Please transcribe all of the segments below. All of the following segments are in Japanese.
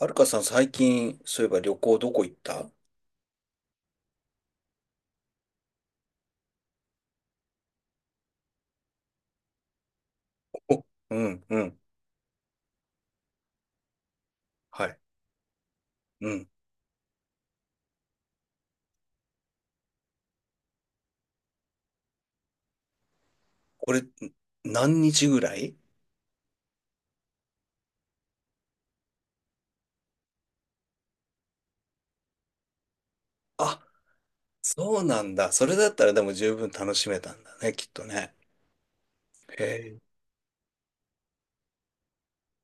はるかさん最近、そういえば旅行どこ行った？おうんうん。はい。うん。これ、何日ぐらい？あ、そうなんだ。それだったらでも十分楽しめたんだね、きっとね。へえ。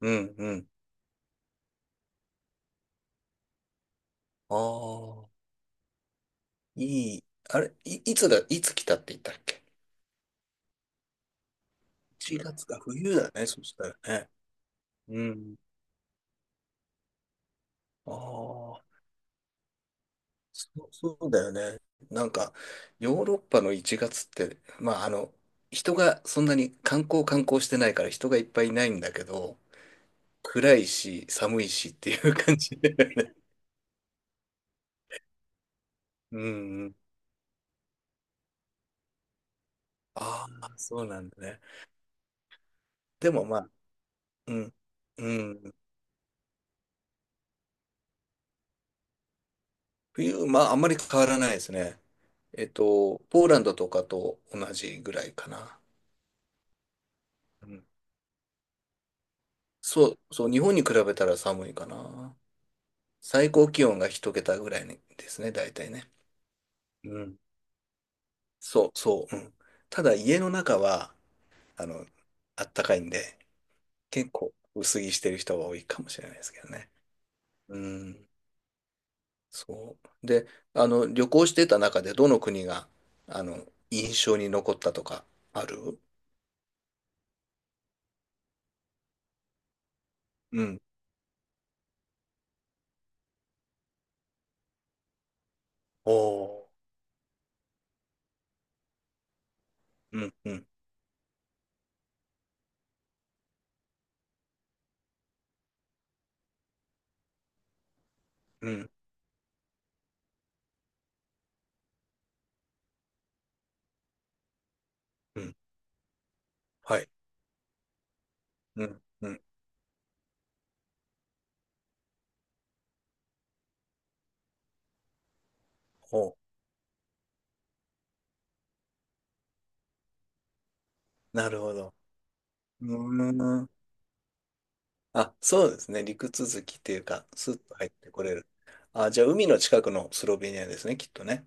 うんうん。ああ、いい。あれ、いつだ、いつ来たって言ったっけ？ 1 月か、冬だね、そしたらね。うん。ああ。そうそうだよね。なんか、ヨーロッパの1月って、まあ、人がそんなに観光してないから人がいっぱいいないんだけど、暗いし、寒いしっていう感じだよね。うんうん。ああ、そうなんだね。でもまあ、うん、うん。冬、まあ、あんまり変わらないですね。ポーランドとかと同じぐらいかな。うん。そう、そう、日本に比べたら寒いかな。最高気温が一桁ぐらいですね、大体ね。うん。そう、そう、うん。ただ家の中は、あの、あったかいんで、結構薄着してる人が多いかもしれないですけどね。うん。そう。で、旅行してた中でどの国が、あの、印象に残ったとか、ある？うん。おー。うん、うん、うん、うん。はい。うん、うん。おー。なるほど。うーん。あ、そうですね。陸続きっていうか、スッと入ってこれる。あ、じゃあ海の近くのスロベニアですね、きっとね。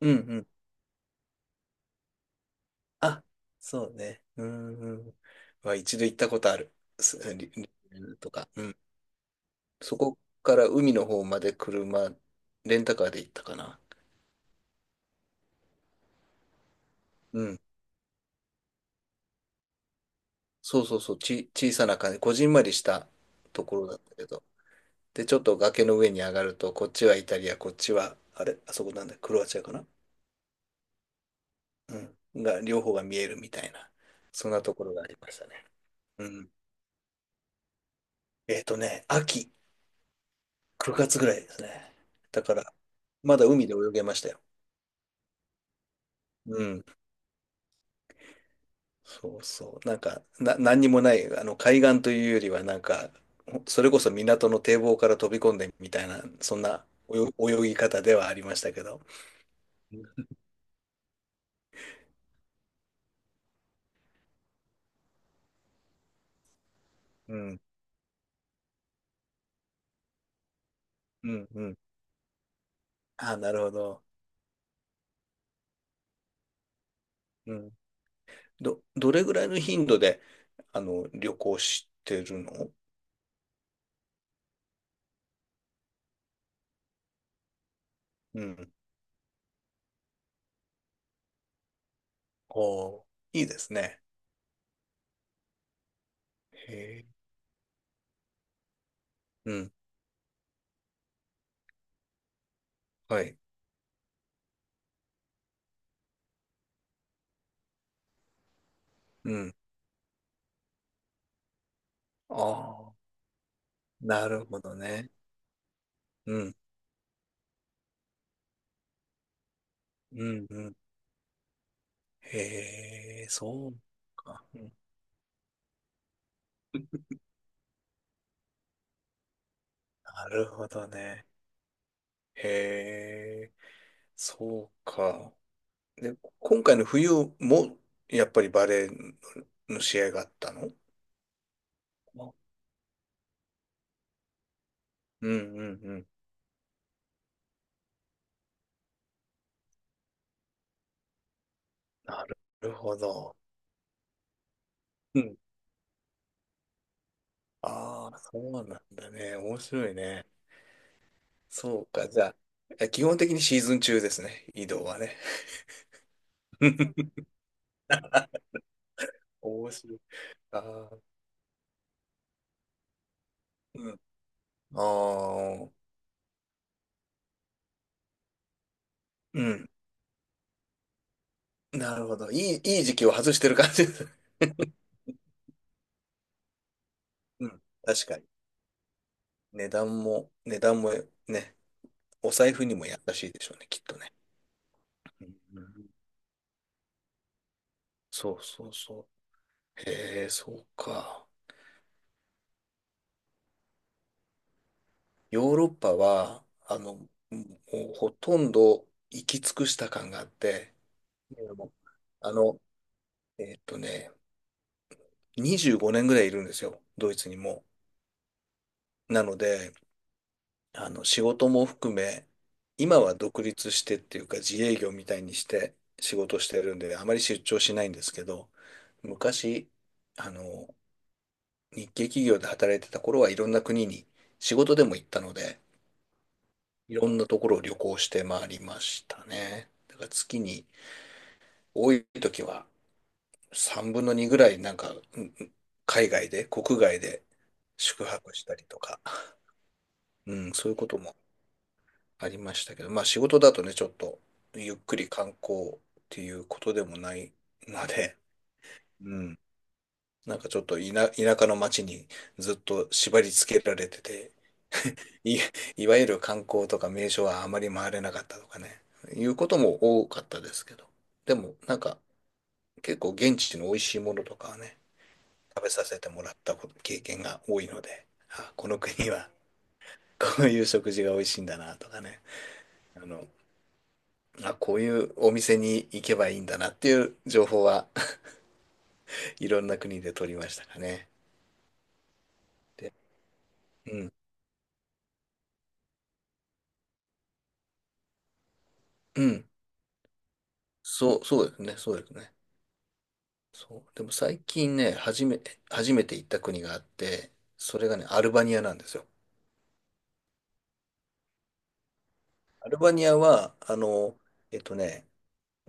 うんうん。あ、そうね。うんうん。まあ、一度行ったことある。すリリベルとか。うん。そこから海の方まで車、レンタカーで行ったかな。うん。そうそうそう。小さな感じ。こじんまりしたところだったけど。で、ちょっと崖の上に上がると、こっちはイタリア、こっちは、あれ、あそこなんだ、クロアチアかな？うん。が、両方が見えるみたいな。そんなところがありましたね。うん。秋。9月ぐらいですね。だから、まだ海で泳げましたよ。うん。そうそう。なんか、何にもない、あの、海岸というよりは、なんか、それこそ港の堤防から飛び込んでみたいな、そんな泳ぎ方ではありましたけど。うん、うん、うん。あ、なるほど。うん。どれぐらいの頻度で、あの、旅行してるの？うん。おー、いいですね。へえ。うん。はい。うん。ああ、なるほどね。うん。うんうん。へえ、そうか。うん。なるほどね。へえ、そうか。で、今回の冬も、やっぱりバレーの試合があったの？あうんうんうん。なるほど。うん。ああ、そうなんだね。面白いね。そうか。じゃあ、え基本的にシーズン中ですね。移動はね。面白い。ああ、うん。ああ、うん。なるほど。いい、いい時期を外してる感じです。うん。確かに。値段も、値段もね、お財布にも優しいでしょうね、きっとね。うん、そうそうそう。へえ、そうか。ヨーロッパは、あの、もうほとんど行き尽くした感があって、いやもうあの、えーっとね、25年ぐらいいるんですよ、ドイツにも。なので、仕事も含め、今は独立してっていうか自営業みたいにして仕事してるんで、あまり出張しないんですけど、昔、あの、日系企業で働いてた頃はいろんな国に仕事でも行ったので、いろんなところを旅行して回りましたね。だから月に多い時は3分の2ぐらいなんか、うんうん海外で、国外で宿泊したりとか、うん、そういうこともありましたけど、まあ仕事だとね、ちょっとゆっくり観光っていうことでもないので、うん。なんかちょっと田舎の町にずっと縛り付けられてて、い、いわゆる観光とか名所はあまり回れなかったとかね、いうことも多かったですけど、でもなんか結構現地の美味しいものとかはね、食べさせてもらったこと経験が多いので、あ、この国はこういう食事が美味しいんだなとかね、あの、まあ、こういうお店に行けばいいんだなっていう情報は いろんな国で取りましたかね。うん。うん。そう、そうですね。そうですね。そう。でも最近ね、初めて行った国があって、それがね、アルバニアなんですよ。アルバニアは、あの、えっとね、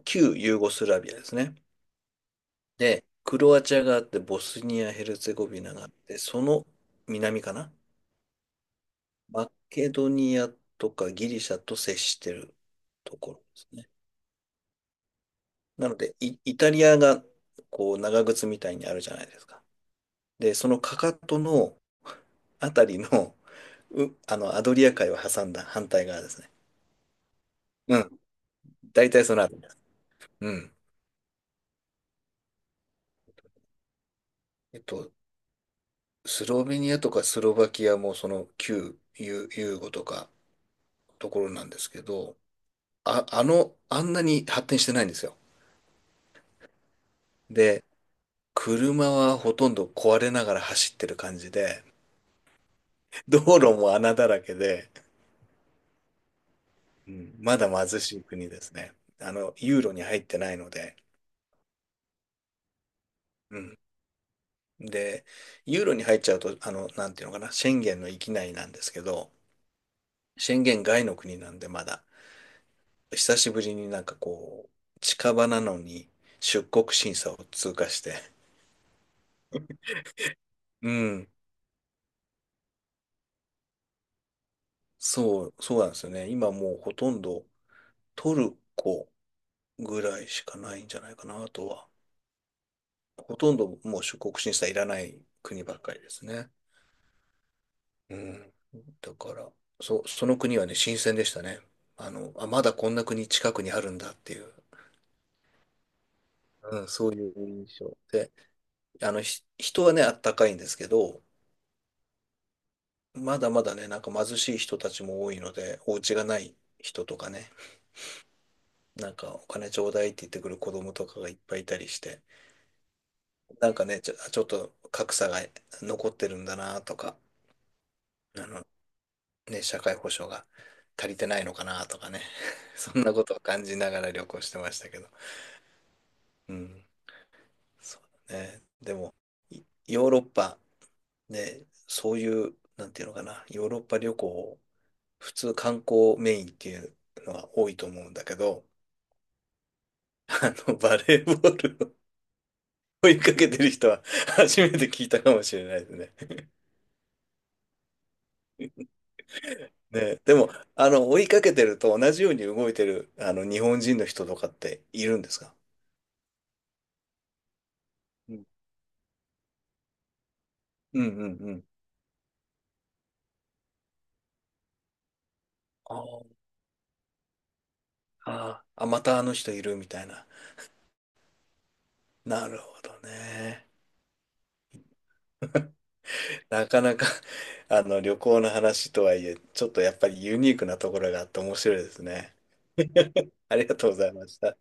旧ユーゴスラビアですね。で、クロアチアがあって、ボスニア・ヘルツェゴビナがあって、その南かな？マケドニアとかギリシャと接してるところですね。なので、イタリアが、こう、長靴みたいにあるじゃないですか。で、そのかかとのあたりの、う、あの、アドリア海を挟んだ反対側ですね。うん。大体そのあたりです。うん。えっと、スロベニアとかスロバキアもそのユーゴとかところなんですけど、あ、あの、あんなに発展してないんですよ。で、車はほとんど壊れながら走ってる感じで、道路も穴だらけで、うん、まだ貧しい国ですね。あの、ユーロに入ってないので。うん。で、ユーロに入っちゃうと、あの、なんていうのかな、シェンゲンの域内なんですけど、シェンゲン外の国なんでまだ、久しぶりになんかこう、近場なのに出国審査を通過して、うん、そう、そうなんですよね。今もうほとんどトルコぐらいしかないんじゃないかな、あとは。ほとんどもう出国審査いらない国ばっかりですね。うん。だから、その国はね、新鮮でしたね。あの、あ、まだこんな国近くにあるんだっていう、うん、そういう印象。で、あの、人はね、あったかいんですけど、まだまだね、なんか貧しい人たちも多いので、お家がない人とかね、なんかお金ちょうだいって言ってくる子供とかがいっぱいいたりして、なんかね、ちょっと格差が残ってるんだなとか、あの、ね、社会保障が足りてないのかなとかね、そんなことを感じながら旅行してましたけど。うん、そうだね。でも、いヨーロッパ、ね、そういう、なんていうのかな、ヨーロッパ旅行、普通観光メインっていうのは多いと思うんだけど、あの、バレーボールを追いかけてる人は 初めて聞いたかもしれないですね。ね、でも、あの、追いかけてると同じように動いてる、あの、日本人の人とかっているんですか？うんうんうんうん。あーあー、あまたあの人いるみたいな。なるほどね。なかなか あの、旅行の話とはいえ、ちょっとやっぱりユニークなところがあって面白いですね。ありがとうございました。